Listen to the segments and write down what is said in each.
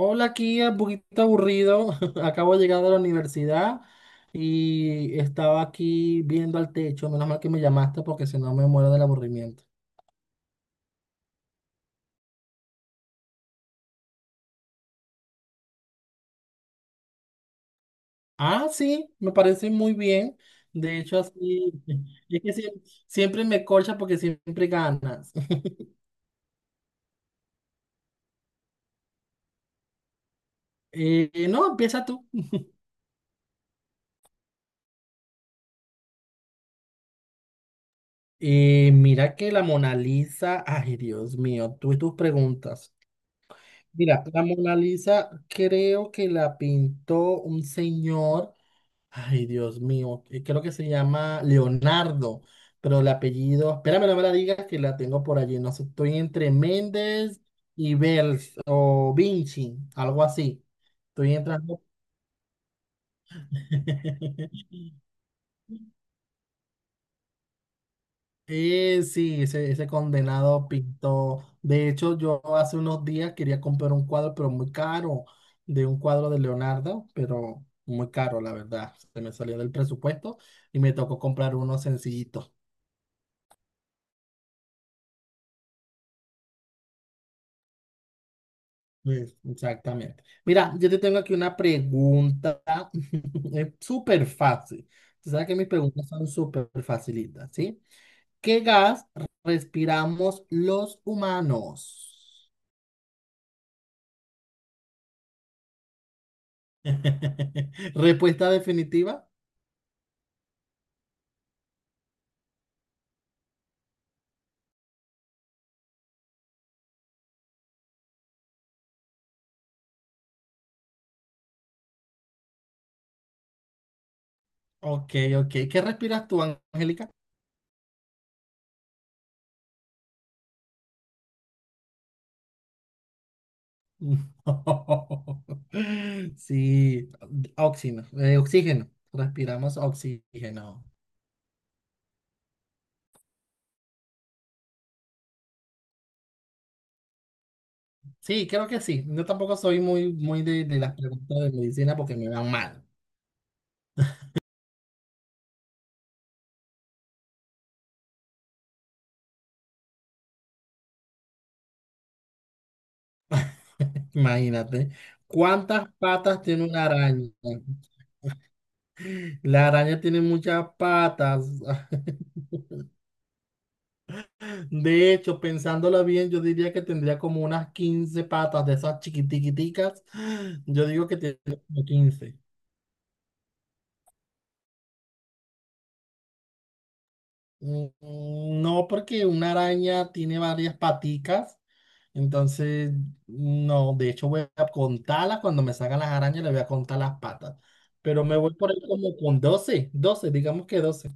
Hola, aquí un poquito aburrido. Acabo de llegar de la universidad y estaba aquí viendo al techo. Menos mal que me llamaste porque si no me muero del aburrimiento. Ah, sí, me parece muy bien. De hecho, así es que siempre me colcha porque siempre ganas. No, empieza tú. Mira que la Mona Lisa, ay Dios mío, tú y tus preguntas. Mira, la Mona Lisa creo que la pintó un señor. Ay, Dios mío, creo que se llama Leonardo, pero el apellido, espérame, no me la digas que la tengo por allí, no sé, estoy entre Méndez y Bels o Vinci, algo así. Estoy entrando. Sí, ese condenado pintó. De hecho, yo hace unos días quería comprar un cuadro, pero muy caro, de un cuadro de Leonardo, pero muy caro, la verdad. Se me salió del presupuesto y me tocó comprar uno sencillito. Pues, exactamente. Mira, yo te tengo aquí una pregunta. Es súper fácil. Tú sabes que mis preguntas son súper facilitas, ¿sí? ¿Qué gas respiramos los humanos? Respuesta definitiva. Ok, ok. ¿Qué respiras tú, Angélica? No. Sí, oxígeno. Respiramos oxígeno. Sí, creo que sí. Yo tampoco soy muy de las preguntas de medicina porque me dan mal. Imagínate. ¿Cuántas patas tiene una araña? La araña tiene muchas patas. De hecho, pensándolo bien, yo diría que tendría como unas 15 patas de esas chiquitiquiticas. Yo digo que tiene como 15. Mm, No, porque una araña tiene varias paticas. Entonces, no, de hecho voy a contarlas cuando me salgan las arañas, le voy a contar las patas. Pero me voy por ahí como con 12, 12, digamos que 12.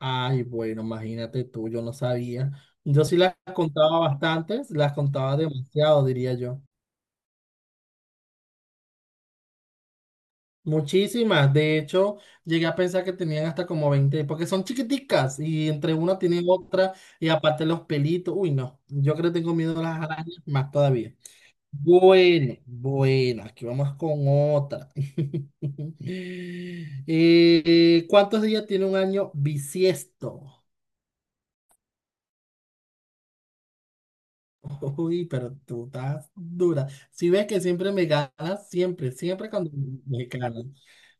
Ay, bueno, imagínate tú, yo no sabía. Yo sí las contaba bastantes, las contaba demasiado, diría yo. Muchísimas, de hecho, llegué a pensar que tenían hasta como 20, porque son chiquiticas y entre una tienen otra y aparte los pelitos. Uy, no, yo creo que tengo miedo a las arañas más todavía. Bueno, bueno, aquí vamos con otra. ¿Cuántos días tiene un año bisiesto? Uy, pero tú estás dura. Si ves que siempre me ganas, siempre cuando me ganas.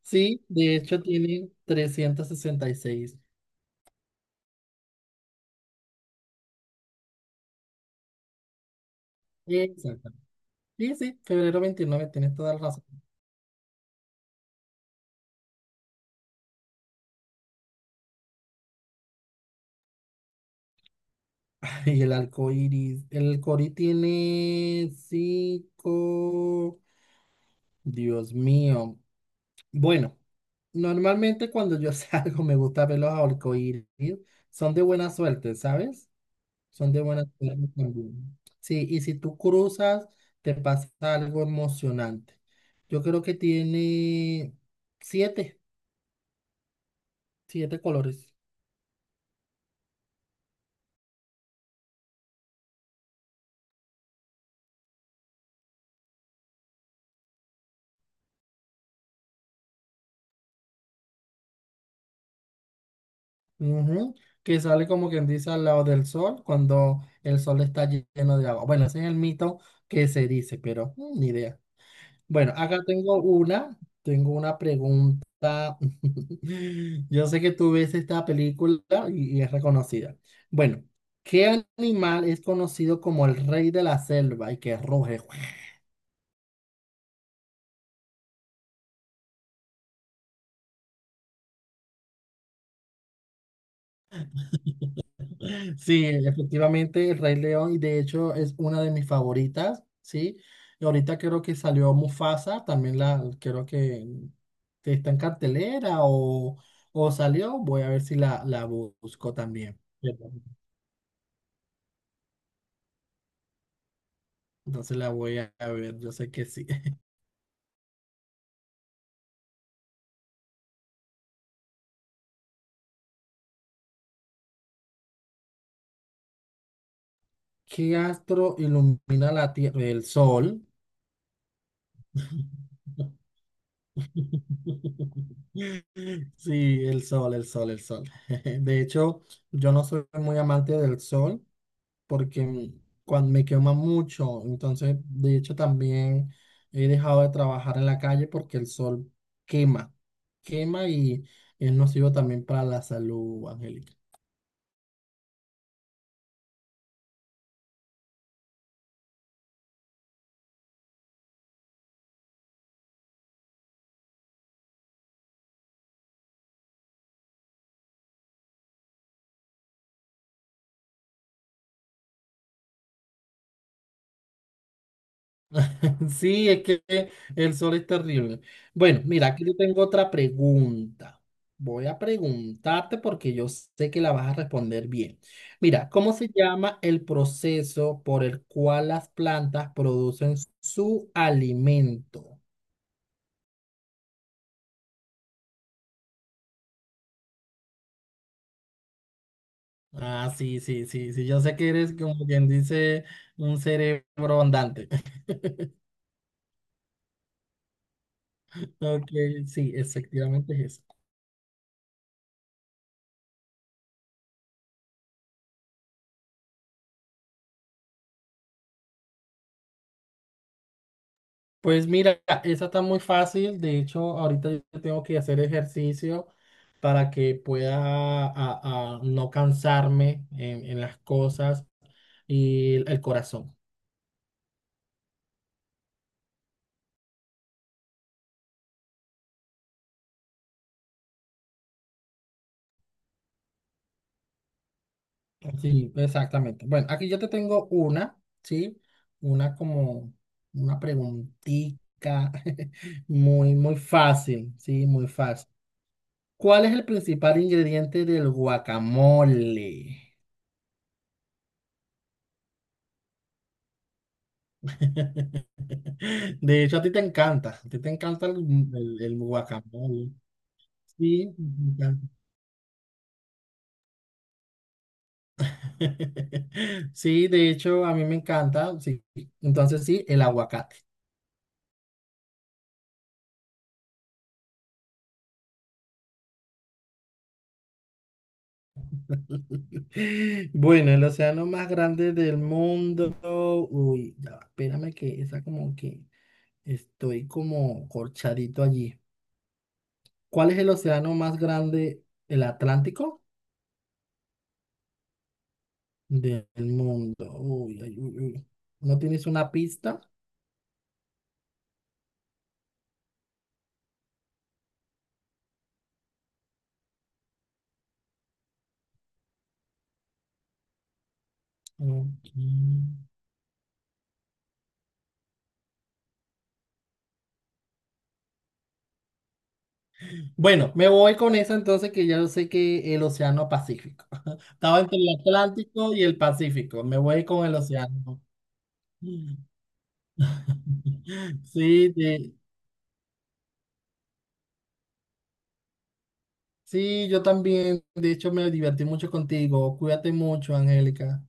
Sí, de hecho tiene 366. Exacto. Sí, sí, 29 de febrero, tienes toda la razón. Y el arco iris, el cori tiene cinco. Dios mío. Bueno, normalmente cuando yo salgo me gusta ver los arcoíris. Son de buena suerte, ¿sabes? Son de buena suerte también. Sí, y si tú cruzas, te pasa algo emocionante. Yo creo que tiene siete, siete colores. Ujú, que sale como quien dice al lado del sol cuando el sol está lleno de agua. Bueno, ese es el mito que se dice, pero ni idea. Bueno, acá tengo tengo una pregunta. Yo sé que tú ves esta película y es reconocida. Bueno, ¿qué animal es conocido como el rey de la selva y que ruge? Sí, efectivamente, el Rey León, y de hecho es una de mis favoritas, ¿sí? Y ahorita creo que salió Mufasa, también, creo que está en cartelera o salió, voy a ver si la busco también. Entonces la voy a ver, yo sé que sí. ¿Qué astro ilumina la Tierra? El Sol. Sí, el sol. De hecho, yo no soy muy amante del sol porque cuando me quema mucho, entonces, de hecho, también he dejado de trabajar en la calle porque el sol quema, quema y es nocivo también para la salud, Angélica. Sí, es que el sol es terrible. Bueno, mira, aquí yo tengo otra pregunta. Voy a preguntarte porque yo sé que la vas a responder bien. Mira, ¿cómo se llama el proceso por el cual las plantas producen su alimento? Ah, sí. Yo sé que eres como quien dice un cerebro andante. Ok, sí, efectivamente es para que pueda a no cansarme en las cosas y el corazón. Sí, exactamente. Bueno, aquí yo te tengo una, ¿sí? Una como una preguntita muy fácil, ¿sí? Muy fácil. ¿Cuál es el principal ingrediente del guacamole? De hecho, a ti te encanta el guacamole. Sí, sí, de hecho, a mí me encanta. Sí. Entonces, sí, el aguacate. Bueno, el océano más grande del mundo. Uy, ya, va, espérame que esa como que estoy como corchadito allí. ¿Cuál es el océano más grande, el Atlántico del mundo? Uy, ay, uy, uy. ¿No tienes una pista? Ok. Bueno, me voy con eso entonces que ya yo sé que el Océano Pacífico. Estaba entre el Atlántico y el Pacífico. Me voy con el Océano. Sí, sí, yo también. De hecho, me divertí mucho contigo. Cuídate mucho, Angélica.